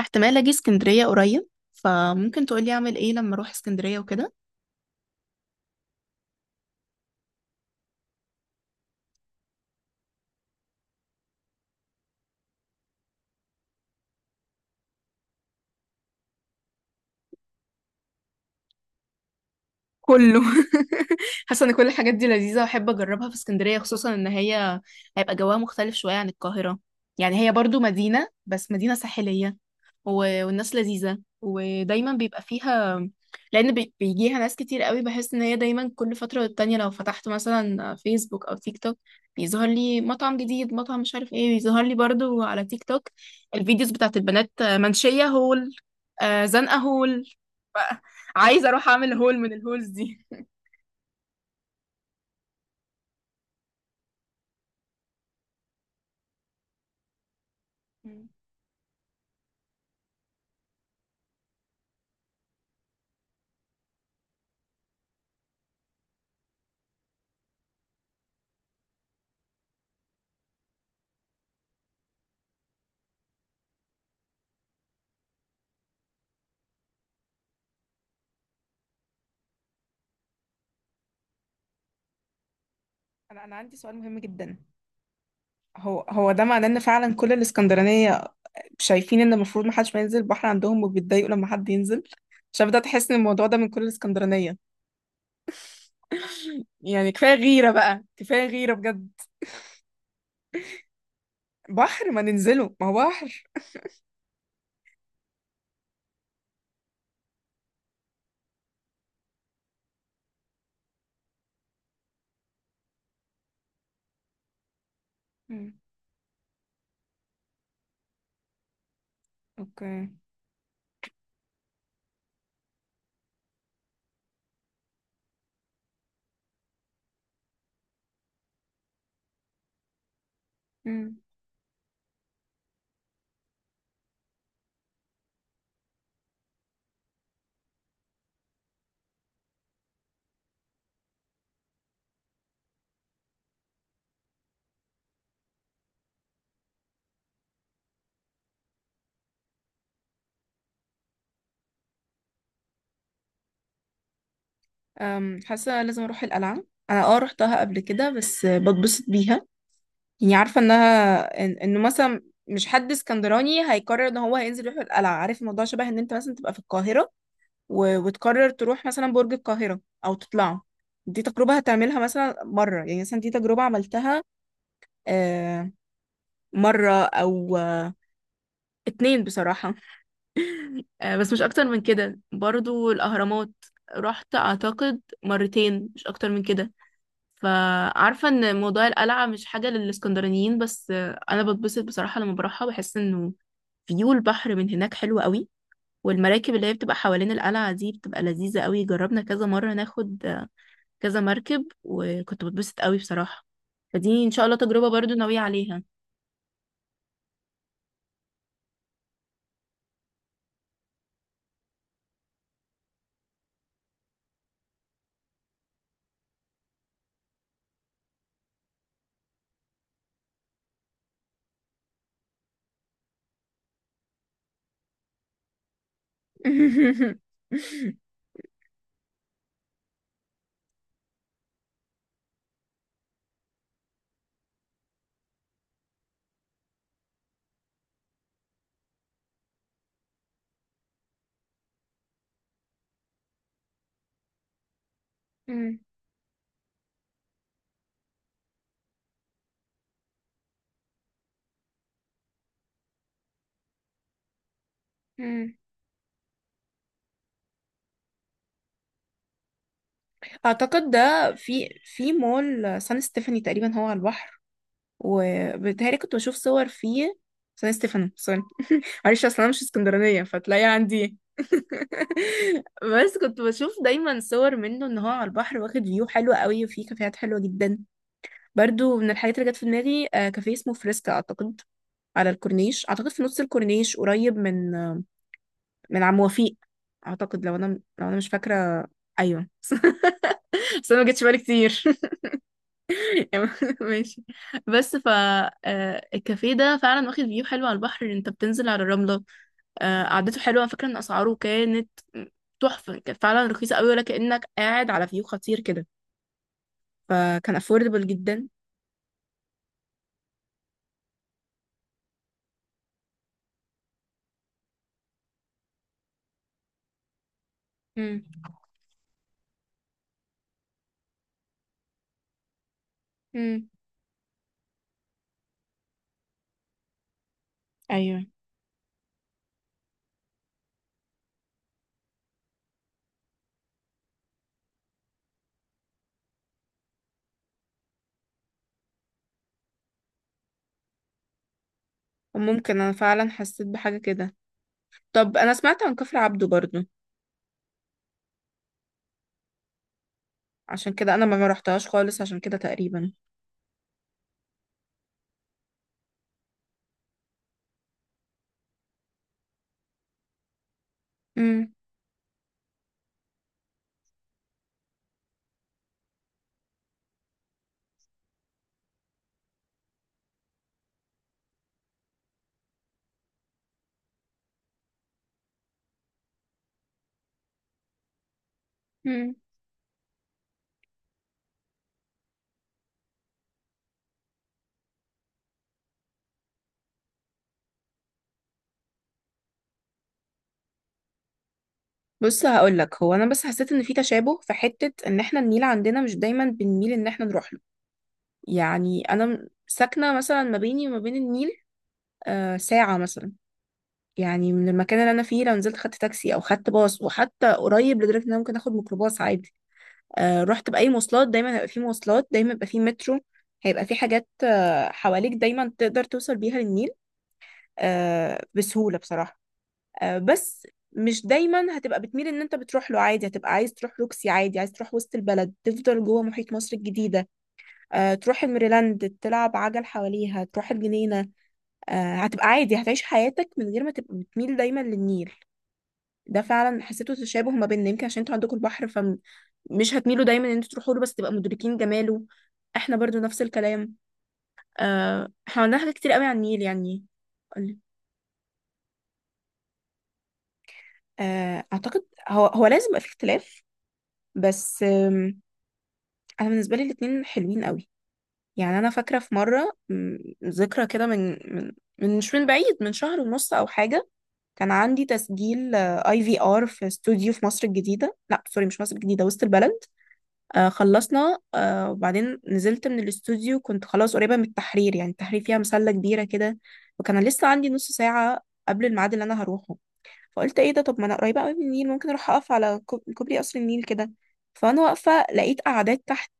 احتمال اجي اسكندرية قريب فممكن تقولي اعمل ايه لما اروح اسكندرية وكده كله. حاسه ان كل الحاجات دي لذيذه واحب اجربها في اسكندريه خصوصا ان هي هيبقى جواها مختلف شويه عن القاهره. يعني هي برضو مدينه بس مدينه ساحليه، والناس لذيذة ودايما بيبقى فيها لأن بيجيها ناس كتير قوي. بحس إن هي دايما كل فترة والتانية لو فتحت مثلا فيسبوك أو تيك توك بيظهر لي مطعم جديد، مطعم مش عارف ايه، بيظهر لي برضو على تيك توك الفيديوز بتاعت البنات. منشية هول، زنقة هول. ف- عايزة أروح أعمل هول من الهولز دي. مم. انا عندي سؤال مهم جدا. هو ده معناه ان فعلا كل الاسكندرانيه شايفين ان المفروض محدش ما ينزل البحر عندهم وبيتضايقوا لما حد ينزل؟ عشان بدأت احس ان الموضوع ده من كل الاسكندرانية. يعني كفاية غيرة بقى، كفاية غيرة بجد. بحر ما ننزله، ما هو بحر. مم. اوكي. مم. حاسة لازم اروح القلعة. انا رحتها قبل كده بس بتبسط بيها. يعني عارفة انها انه مثلا مش حد اسكندراني هيقرر ان هو هينزل يروح القلعة. عارف الموضوع شبه ان انت مثلا تبقى في القاهرة وتقرر تروح مثلا برج القاهرة أو تطلعه. دي تجربة هتعملها مثلا مرة، يعني مثلا دي تجربة عملتها آه، مرة أو اتنين بصراحة. بس مش أكتر من كده. برضو الأهرامات رحت أعتقد مرتين، مش أكتر من كده. فعارفة إن موضوع القلعة مش حاجة للإسكندرانيين، بس أنا بتبسط بصراحة لما بروحها. بحس إنه فيو البحر من هناك حلو قوي، والمراكب اللي هي بتبقى حوالين القلعة دي بتبقى لذيذة قوي. جربنا كذا مرة ناخد كذا مركب وكنت بتبسط قوي بصراحة. فدي ان شاء الله تجربة برضو ناوية عليها. مم. مم. اعتقد ده في مول سان ستيفاني تقريبا هو على البحر، وبيتهيألي كنت بشوف صور فيه. سان ستيفاني سوري، معلش اصل انا مش اسكندرانيه فتلاقي عندي. بس كنت بشوف دايما صور منه ان هو على البحر، واخد فيو حلو قوي وفيه كافيهات حلوه جدا. برضو من الحاجات اللي جت في دماغي كافيه اسمه فريسكا اعتقد، على الكورنيش، اعتقد في نص الكورنيش قريب من من عم وفيق. اعتقد لو انا مش فاكره. ايوه. بس انا ما جتش بالي كتير. ماشي. بس ف الكافيه ده فعلا واخد فيو حلو على البحر، انت بتنزل على الرمله. قعدته حلوه. انا فاكره ان اسعاره كانت تحفه، كانت فعلا رخيصه قوي، ولا كانك قاعد على فيو خطير كده، فكان افوردبل جدا. امم. امم. ايوه. ممكن انا فعلا حسيت بحاجة كده. طب انا سمعت عن كفر عبده برضو. عشان كده انا ما رحتهاش خالص، عشان كده تقريبا. امم. امم. بص هقول لك، هو انا بس حسيت ان في تشابه في حتة ان احنا النيل عندنا مش دايما بنميل ان احنا نروح له. يعني انا ساكنة مثلا ما بيني وما بين النيل ساعة مثلا. يعني من المكان اللي انا فيه، لو نزلت خدت تاكسي او خدت باص، وحتى قريب لدرجة ان انا ممكن اخد ميكروباص عادي. رحت بأي مواصلات دايما هيبقى في مواصلات، دايما هيبقى في مترو، هيبقى في حاجات حواليك دايما تقدر توصل بيها للنيل بسهولة بصراحة. بس مش دايما هتبقى بتميل ان انت بتروح له، عادي هتبقى عايز تروح روكسي، عادي عايز تروح وسط البلد، تفضل جوه محيط مصر الجديدة تروح الميريلاند تلعب عجل حواليها، تروح الجنينة هتبقى عادي، هتعيش حياتك من غير ما تبقى بتميل دايما للنيل. ده فعلا حسيته تشابه ما بيننا، يمكن عشان انتوا عندكم البحر فمش هتميلوا دايما ان انتوا تروحوا له، بس تبقى مدركين جماله. احنا برضو نفس الكلام. احنا عندنا حاجات كتير قوي عن النيل يعني. قولي. اعتقد هو لازم يبقى في اختلاف. بس انا بالنسبه لي الاتنين حلوين قوي. يعني انا فاكره في مره، ذكرى كده من من من مش من بعيد، من شهر ونص او حاجه. كان عندي تسجيل اي في ار في استوديو في مصر الجديده، لا سوري مش مصر الجديده، وسط البلد. خلصنا وبعدين نزلت من الاستوديو، كنت خلاص قريبة من التحرير. يعني التحرير فيها مسلة كبيرة كده، وكان لسه عندي نص ساعة قبل الميعاد اللي أنا هروحه. فقلت إيه ده، طب ما أنا قريبة قوي من النيل، ممكن أروح أقف على كوبري قصر النيل كده. فأنا واقفة لقيت قعدات تحت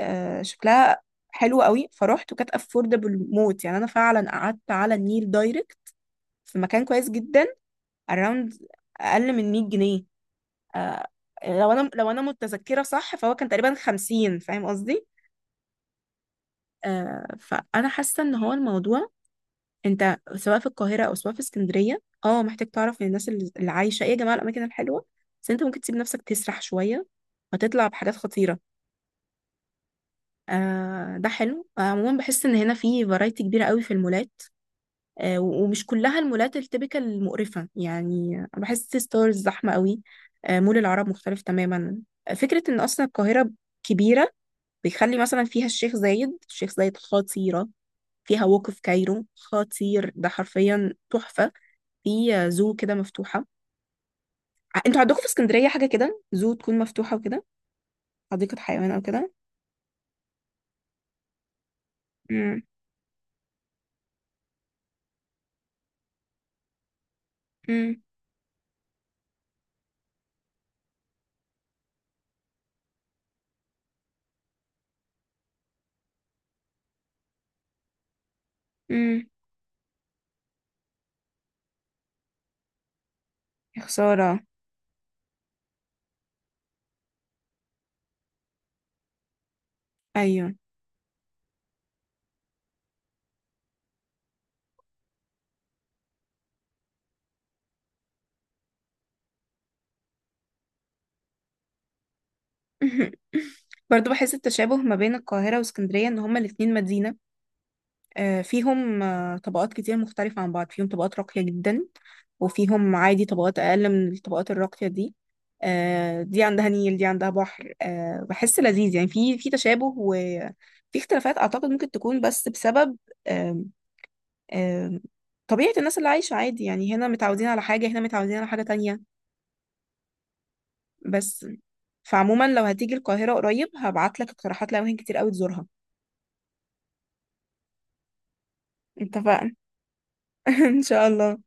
شكلها حلو قوي، فروحت وكانت أفوردبل موت، يعني أنا فعلا قعدت على النيل دايركت في مكان كويس جدا. أراوند أقل من 100 جنيه. آه. لو أنا متذكرة صح فهو كان تقريبا 50، فاهم قصدي؟ فانا حاسه ان هو الموضوع، انت سواء في القاهره او سواء في اسكندريه محتاج تعرف من الناس اللي عايشه ايه يا جماعه الاماكن الحلوه. بس انت ممكن تسيب نفسك تسرح شويه وتطلع بحاجات خطيره. ده حلو. عموما بحس ان هنا في فرايتي كبيره قوي في المولات. ومش كلها المولات التبكة المقرفه، يعني أنا بحس سي ستارز زحمه قوي. مول العرب مختلف تماما. فكره ان اصلا القاهره كبيره بيخلي مثلا فيها الشيخ زايد، الشيخ زايد خطيره، فيها وقف كايرو خطير، ده حرفيا تحفة. في زو كده مفتوحة. انتوا عندكم في اسكندرية حاجة كده زو تكون مفتوحة وكده، حديقة حيوان أو كده؟ مم. مم. مم. يا خسارة. أيوه. برضو بحس التشابه ما بين القاهرة واسكندرية إن هما الاتنين مدينة، فيهم طبقات كتير مختلفة عن بعض، فيهم طبقات راقية جدا وفيهم عادي طبقات أقل من الطبقات الراقية دي. دي عندها نيل دي عندها بحر، بحس لذيذ يعني، في تشابه وفي اختلافات أعتقد ممكن تكون بس بسبب آم، آم، طبيعة الناس اللي عايشة عادي يعني، هنا متعودين على حاجة هنا متعودين على حاجة تانية بس. فعموما لو هتيجي القاهرة قريب هبعتلك اقتراحات لأماكن كتير أوي تزورها. اتفقنا. إن شاء الله.